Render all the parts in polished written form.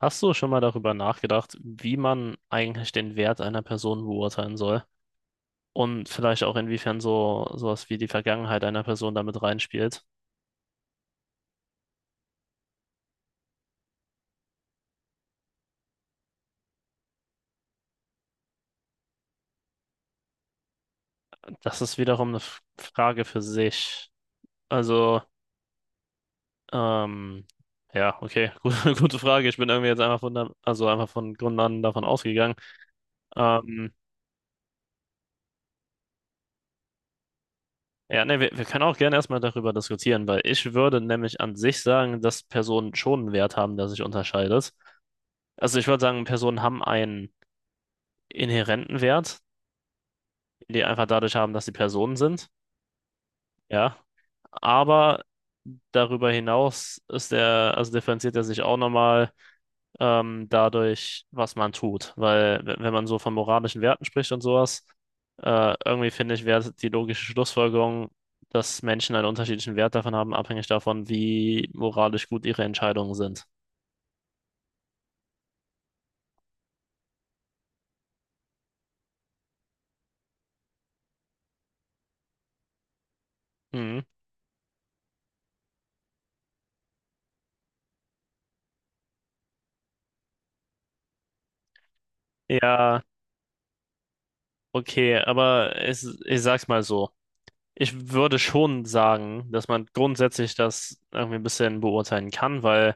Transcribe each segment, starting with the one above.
Hast du schon mal darüber nachgedacht, wie man eigentlich den Wert einer Person beurteilen soll? Und vielleicht auch inwiefern so sowas wie die Vergangenheit einer Person damit reinspielt? Das ist wiederum eine Frage für sich. Also, ähm, ja, okay, gute Frage. Ich bin irgendwie jetzt einfach von, der- also einfach von Grund an davon ausgegangen. Ähm, ja, ne, wir können auch gerne erstmal darüber diskutieren, weil ich würde nämlich an sich sagen, dass Personen schon einen Wert haben, der sich unterscheidet. Also ich würde sagen, Personen haben einen inhärenten Wert, den die einfach dadurch haben, dass sie Personen sind. Ja, aber darüber hinaus ist der, also differenziert er sich auch nochmal dadurch, was man tut. Weil wenn man so von moralischen Werten spricht und sowas, irgendwie finde ich, wäre die logische Schlussfolgerung, dass Menschen einen unterschiedlichen Wert davon haben, abhängig davon, wie moralisch gut ihre Entscheidungen sind. Mhm. Ja, okay, aber ich sag's mal so. Ich würde schon sagen, dass man grundsätzlich das irgendwie ein bisschen beurteilen kann, weil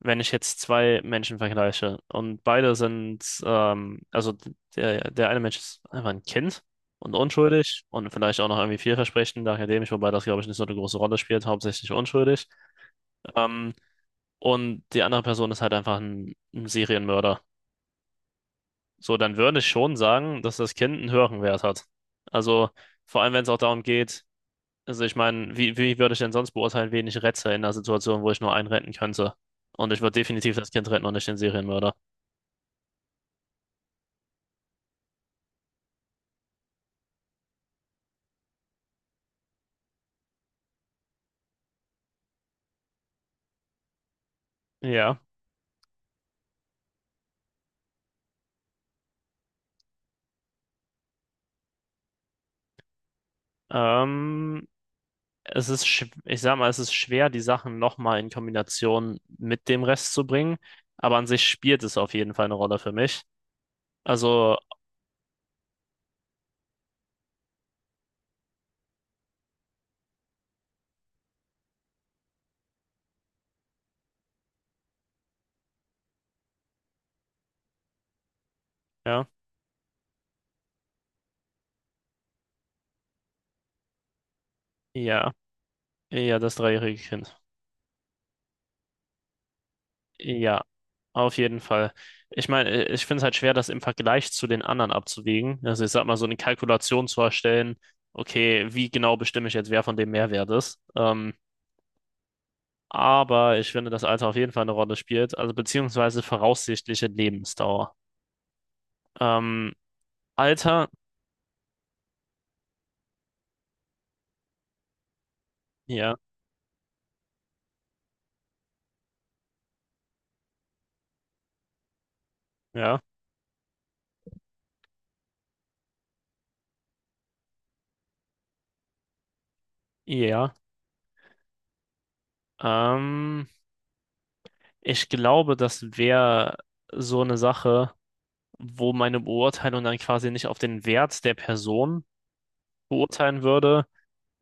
wenn ich jetzt zwei Menschen vergleiche und beide sind, also der eine Mensch ist einfach ein Kind und unschuldig und vielleicht auch noch irgendwie vielversprechend akademisch, wobei das, glaube ich, nicht so eine große Rolle spielt, hauptsächlich unschuldig. Ähm, und die andere Person ist halt einfach ein Serienmörder. So, dann würde ich schon sagen, dass das Kind einen höheren Wert hat. Also vor allem, wenn es auch darum geht, also ich meine, wie würde ich denn sonst beurteilen, wen ich rette in einer Situation, wo ich nur einen retten könnte? Und ich würde definitiv das Kind retten und nicht den Serienmörder. Ja. Ähm, Es ist, ich sag mal, es ist schwer, die Sachen nochmal in Kombination mit dem Rest zu bringen. Aber an sich spielt es auf jeden Fall eine Rolle für mich. Also, ja, ja, ja, das dreijährige Kind. Ja. Auf jeden Fall. Ich meine, ich finde es halt schwer, das im Vergleich zu den anderen abzuwägen. Also ich sag mal, so eine Kalkulation zu erstellen, okay, wie genau bestimme ich jetzt, wer von dem Mehrwert ist. Aber ich finde, das Alter auf jeden Fall eine Rolle spielt, also beziehungsweise voraussichtliche Lebensdauer. Ähm, Alter, ja, ja, ja. Ähm, Ich glaube, das wäre so eine Sache, wo meine Beurteilung dann quasi nicht auf den Wert der Person beurteilen würde,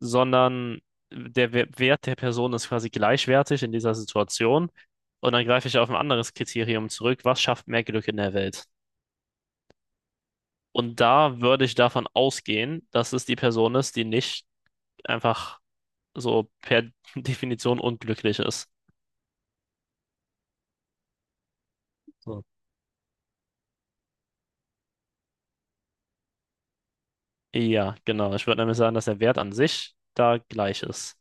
sondern der Wert der Person ist quasi gleichwertig in dieser Situation. Und dann greife ich auf ein anderes Kriterium zurück. Was schafft mehr Glück in der Welt? Und da würde ich davon ausgehen, dass es die Person ist, die nicht einfach so per Definition unglücklich ist. So. Ja, genau. Ich würde nämlich sagen, dass der Wert an sich da gleich ist.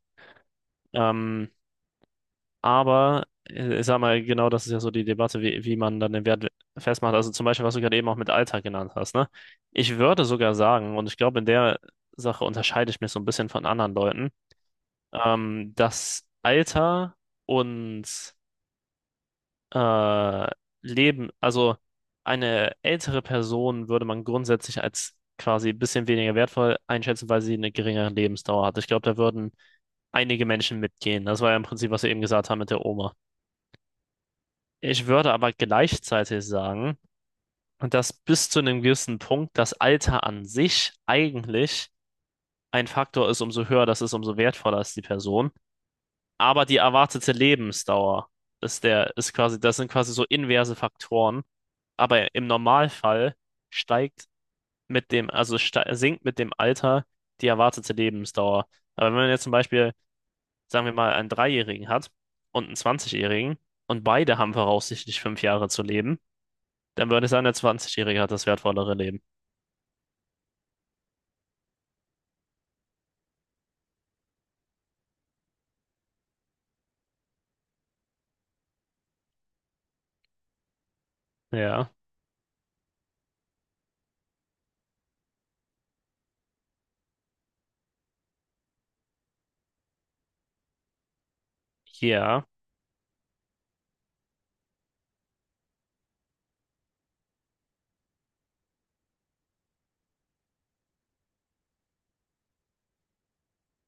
Ähm, Aber ich sag mal, genau das ist ja so die Debatte, wie man dann den Wert festmacht. Also zum Beispiel, was du gerade eben auch mit Alltag genannt hast, ne? Ich würde sogar sagen, und ich glaube, in der Sache unterscheide ich mich so ein bisschen von anderen Leuten, dass Alter und äh, Leben, also eine ältere Person würde man grundsätzlich als quasi ein bisschen weniger wertvoll einschätzen, weil sie eine geringere Lebensdauer hat. Ich glaube, da würden einige Menschen mitgehen. Das war ja im Prinzip, was wir eben gesagt haben mit der Oma. Ich würde aber gleichzeitig sagen, dass bis zu einem gewissen Punkt das Alter an sich eigentlich ein Faktor ist, umso höher das ist, umso wertvoller ist die Person. Aber die erwartete Lebensdauer ist der, ist quasi, das sind quasi so inverse Faktoren. Aber im Normalfall steigt mit dem, also sinkt mit dem Alter die erwartete Lebensdauer. Aber wenn man jetzt zum Beispiel, sagen wir mal, einen Dreijährigen hat und einen 20-Jährigen und beide haben voraussichtlich 5 Jahre zu leben, dann würde ich sagen, der 20-Jährige hat das wertvollere Leben. Ja, ja,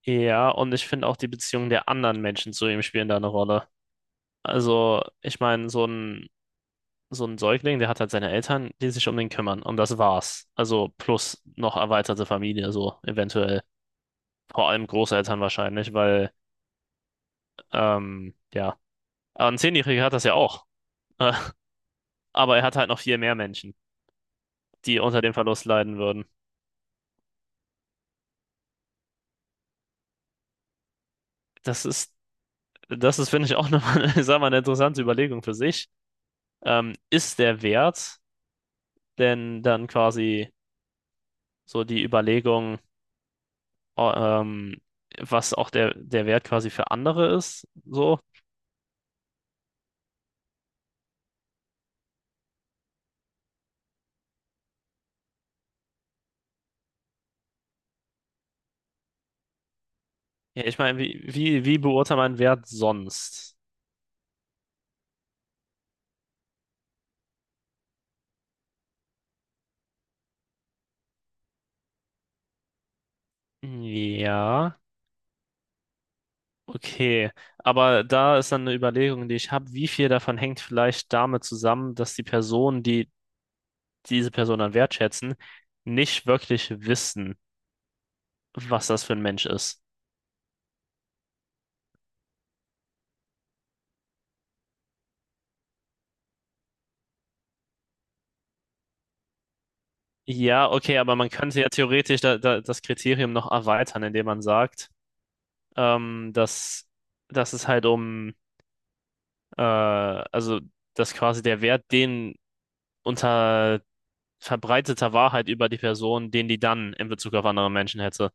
ja. Und ich finde auch die Beziehungen der anderen Menschen zu ihm spielen da eine Rolle. Also, ich meine, so ein Säugling, der hat halt seine Eltern, die sich um den kümmern. Und das war's. Also, plus noch erweiterte Familie, so eventuell. Vor allem Großeltern wahrscheinlich, weil, ja. Aber ein Zehnjähriger hat das ja auch. Äh, Aber er hat halt noch viel mehr Menschen, die unter dem Verlust leiden würden. Das ist, das ist, finde ich, auch nochmal, ich sag mal, eine interessante Überlegung für sich. Ist der Wert denn dann quasi so die Überlegung, oh, was auch der Wert quasi für andere ist, so? Ja, ich meine, wie beurteilt man Wert sonst? Ja, okay. Aber da ist dann eine Überlegung, die ich habe, wie viel davon hängt vielleicht damit zusammen, dass die Personen, die diese Person dann wertschätzen, nicht wirklich wissen, was das für ein Mensch ist. Ja, okay, aber man könnte ja theoretisch das Kriterium noch erweitern, indem man sagt, ähm, dass, dass es halt um, also dass quasi der Wert, den unter verbreiteter Wahrheit über die Person, den die dann in Bezug auf andere Menschen hätte.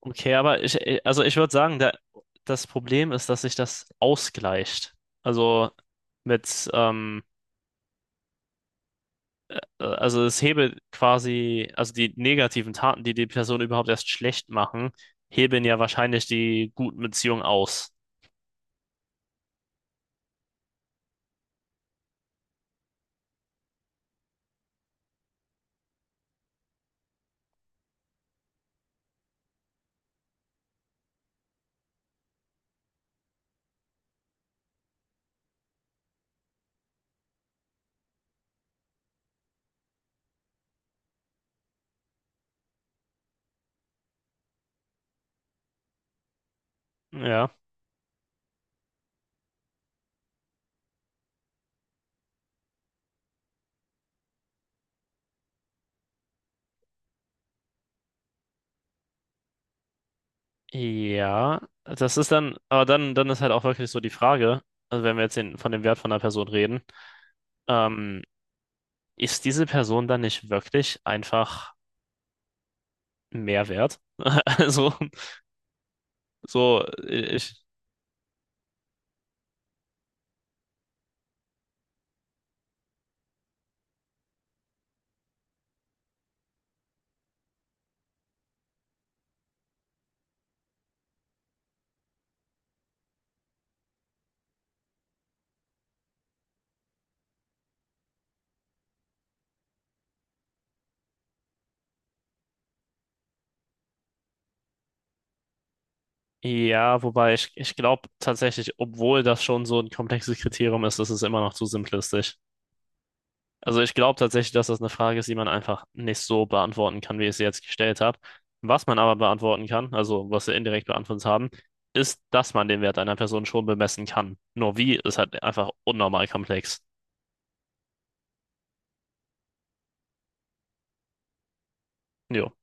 Okay, aber ich, also ich würde sagen, das Problem ist, dass sich das ausgleicht. Also mit, also es hebelt quasi, also die negativen Taten, die die Person überhaupt erst schlecht machen, hebeln ja wahrscheinlich die guten Beziehungen aus. Ja. Ja, das ist dann, aber dann ist halt auch wirklich so die Frage, also wenn wir jetzt den, von dem Wert von einer Person reden, ähm, ist diese Person dann nicht wirklich einfach mehr wert? Also, so, ja, wobei ich glaube tatsächlich, obwohl das schon so ein komplexes Kriterium ist, ist es immer noch zu simplistisch. Also ich glaube tatsächlich, dass das eine Frage ist, die man einfach nicht so beantworten kann, wie ich sie jetzt gestellt habe. Was man aber beantworten kann, also was wir indirekt beantwortet haben, ist, dass man den Wert einer Person schon bemessen kann. Nur wie ist halt einfach unnormal komplex. Jo.